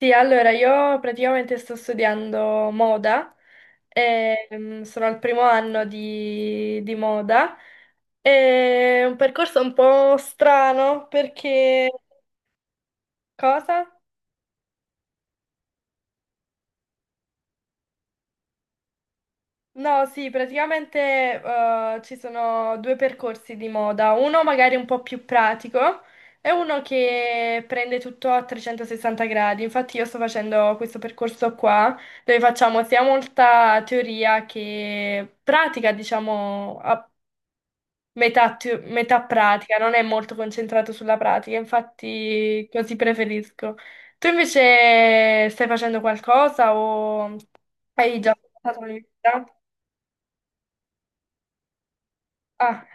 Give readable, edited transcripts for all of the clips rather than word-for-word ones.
Sì, allora io praticamente sto studiando moda, sono al primo anno di moda. È un percorso un po' strano perché... Cosa? No, sì, praticamente ci sono due percorsi di moda, uno magari un po' più pratico e uno che prende tutto a 360 gradi. Infatti io sto facendo questo percorso qua dove facciamo sia molta teoria che pratica, diciamo, a metà, metà pratica, non è molto concentrato sulla pratica, infatti così preferisco. Tu invece stai facendo qualcosa o hai già fatto l'università? Ah.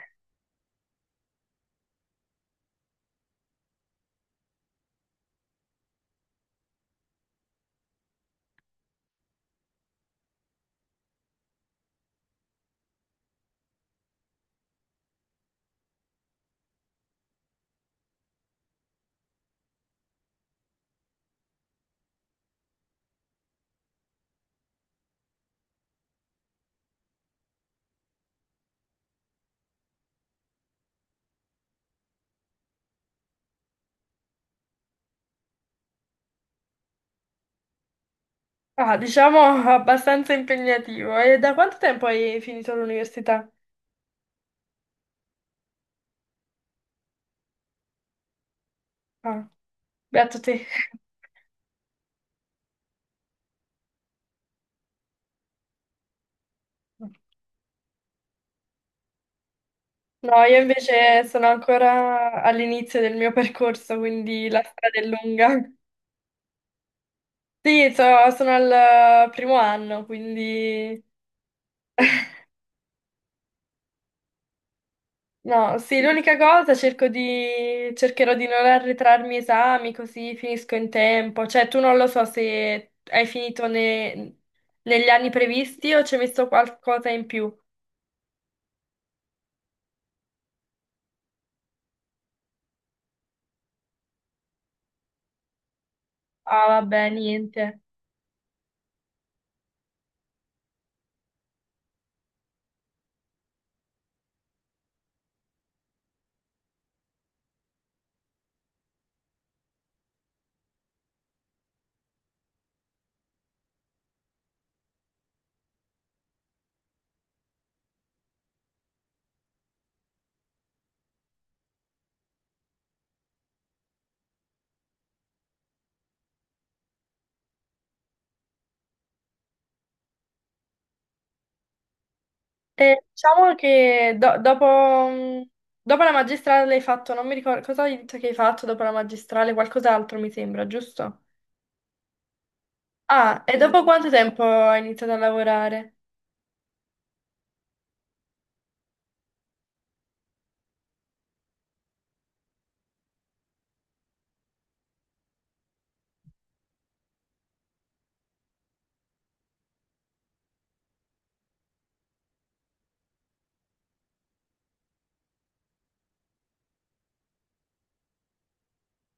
Ah, diciamo abbastanza impegnativo. E da quanto tempo hai finito l'università? Ah, beato te. No, io invece sono ancora all'inizio del mio percorso, quindi la strada è lunga. Sì, sono al primo anno, quindi... No, sì, l'unica cosa cerco di... cercherò di non arretrarmi esami, così finisco in tempo. Cioè, tu non lo so se hai finito negli anni previsti o ci hai messo qualcosa in più. Ah, vabbè, niente. E diciamo che dopo, mm, dopo la magistrale l'hai fatto, non mi ricordo cosa hai detto che hai fatto dopo la magistrale, qualcos'altro mi sembra, giusto? Ah, e dopo quanto tempo hai iniziato a lavorare?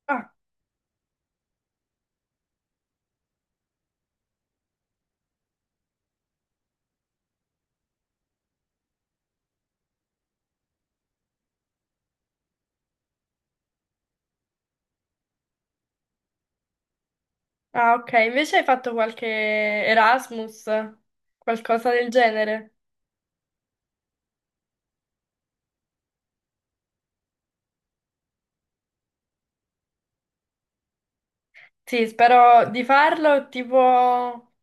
Ah, ah, ok, invece hai fatto qualche Erasmus, qualcosa del genere? Sì, spero di farlo tipo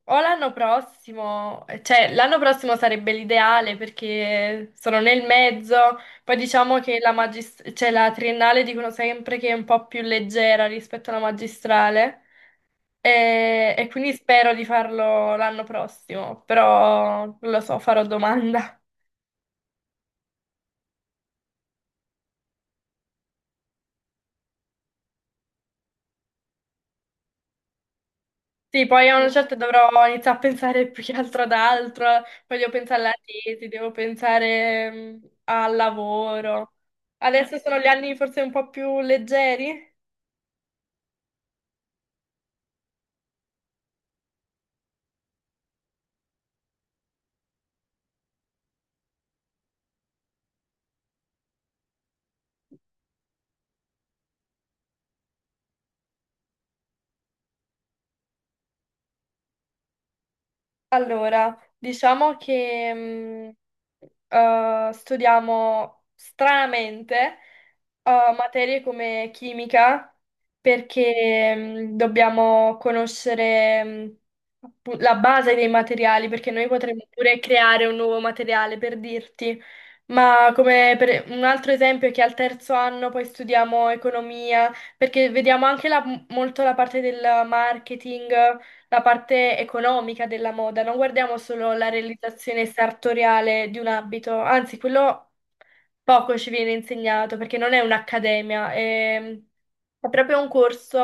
o l'anno prossimo, cioè l'anno prossimo sarebbe l'ideale perché sono nel mezzo, poi diciamo che la cioè, la triennale dicono sempre che è un po' più leggera rispetto alla magistrale e quindi spero di farlo l'anno prossimo, però non lo so, farò domanda. Sì, poi a una certa dovrò iniziare a pensare più che altro ad altro, poi devo pensare alla tesi, devo pensare al lavoro. Adesso sono gli anni forse un po' più leggeri. Allora, diciamo che studiamo stranamente eh, materie come chimica perché dobbiamo conoscere la base dei materiali, perché noi potremmo pure creare un nuovo materiale per dirti. Ma come per un altro esempio è che al terzo anno poi studiamo economia, perché vediamo anche molto la parte del marketing, la parte economica della moda, non guardiamo solo la realizzazione sartoriale di un abito, anzi quello poco ci viene insegnato perché non è un'accademia, è proprio un corso,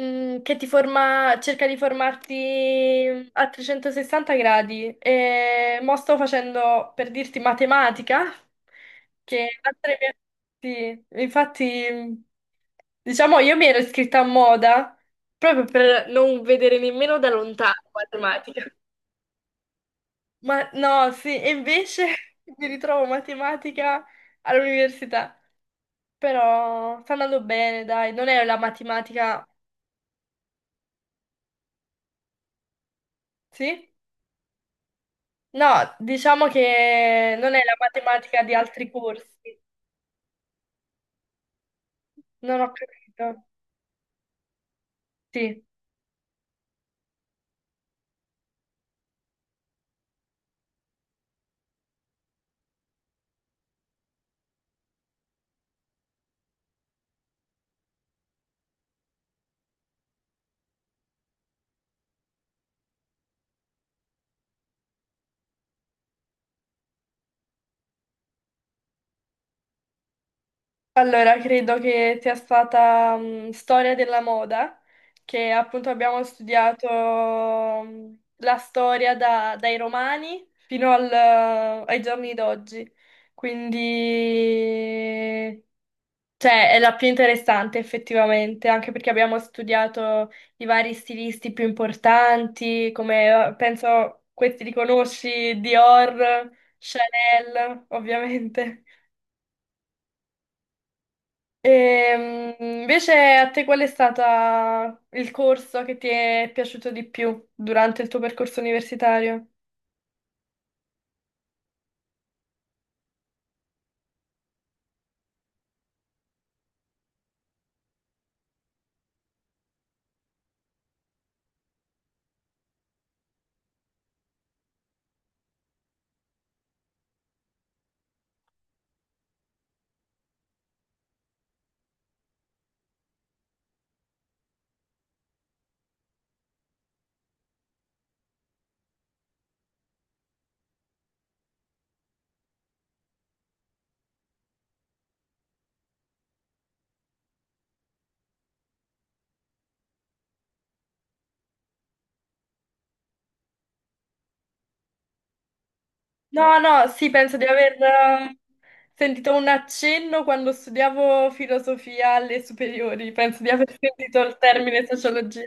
Che ti forma, cerca di formarti a 360 gradi. E mo sto facendo, per dirti, matematica, che altre sì, infatti, diciamo, io mi ero iscritta a moda proprio per non vedere nemmeno da lontano matematica. Ma no, sì, e invece mi ritrovo matematica all'università. Però sta andando bene, dai, non è la matematica, sì? No, diciamo che non è la matematica di altri corsi. Non ho capito. Sì. Allora, credo che sia stata storia della moda, che appunto abbiamo studiato la storia dai romani fino ai giorni d'oggi. Quindi cioè, è la più interessante effettivamente, anche perché abbiamo studiato i vari stilisti più importanti, come penso questi li conosci, Dior, Chanel, ovviamente. Invece a te qual è stato il corso che ti è piaciuto di più durante il tuo percorso universitario? No, no, sì, penso di aver sentito un accenno quando studiavo filosofia alle superiori, penso di aver sentito il termine sociologia.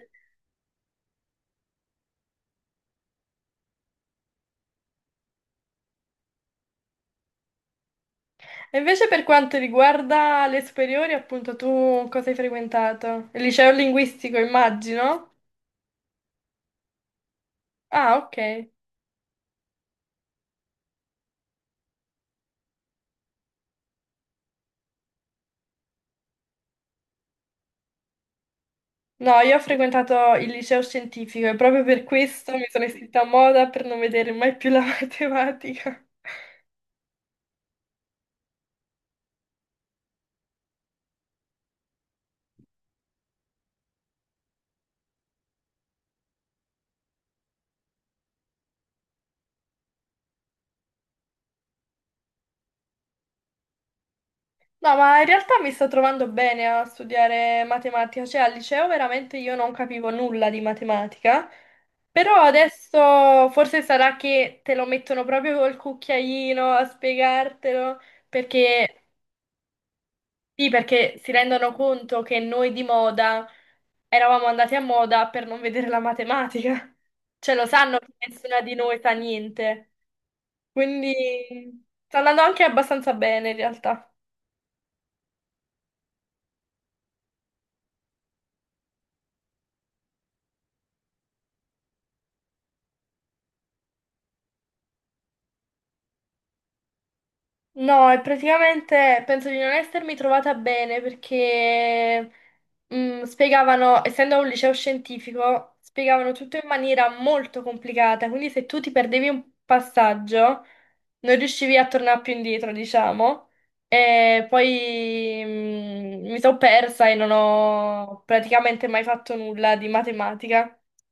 E invece per quanto riguarda le superiori, appunto, tu cosa hai frequentato? Il liceo linguistico, immagino? Ah, ok. No, io ho frequentato il liceo scientifico e proprio per questo mi sono iscritta a moda per non vedere mai più la matematica. No, ma in realtà mi sto trovando bene a studiare matematica, cioè al liceo veramente io non capivo nulla di matematica, però adesso forse sarà che te lo mettono proprio col cucchiaino a spiegartelo, perché sì, perché si rendono conto che noi di moda eravamo andati a moda per non vedere la matematica, cioè lo sanno che nessuna di noi sa niente, quindi sta andando anche abbastanza bene in realtà. No, e praticamente penso di non essermi trovata bene perché spiegavano, essendo un liceo scientifico, spiegavano tutto in maniera molto complicata, quindi se tu ti perdevi un passaggio non riuscivi a tornare più indietro, diciamo, e poi mi sono persa e non ho praticamente mai fatto nulla di matematica.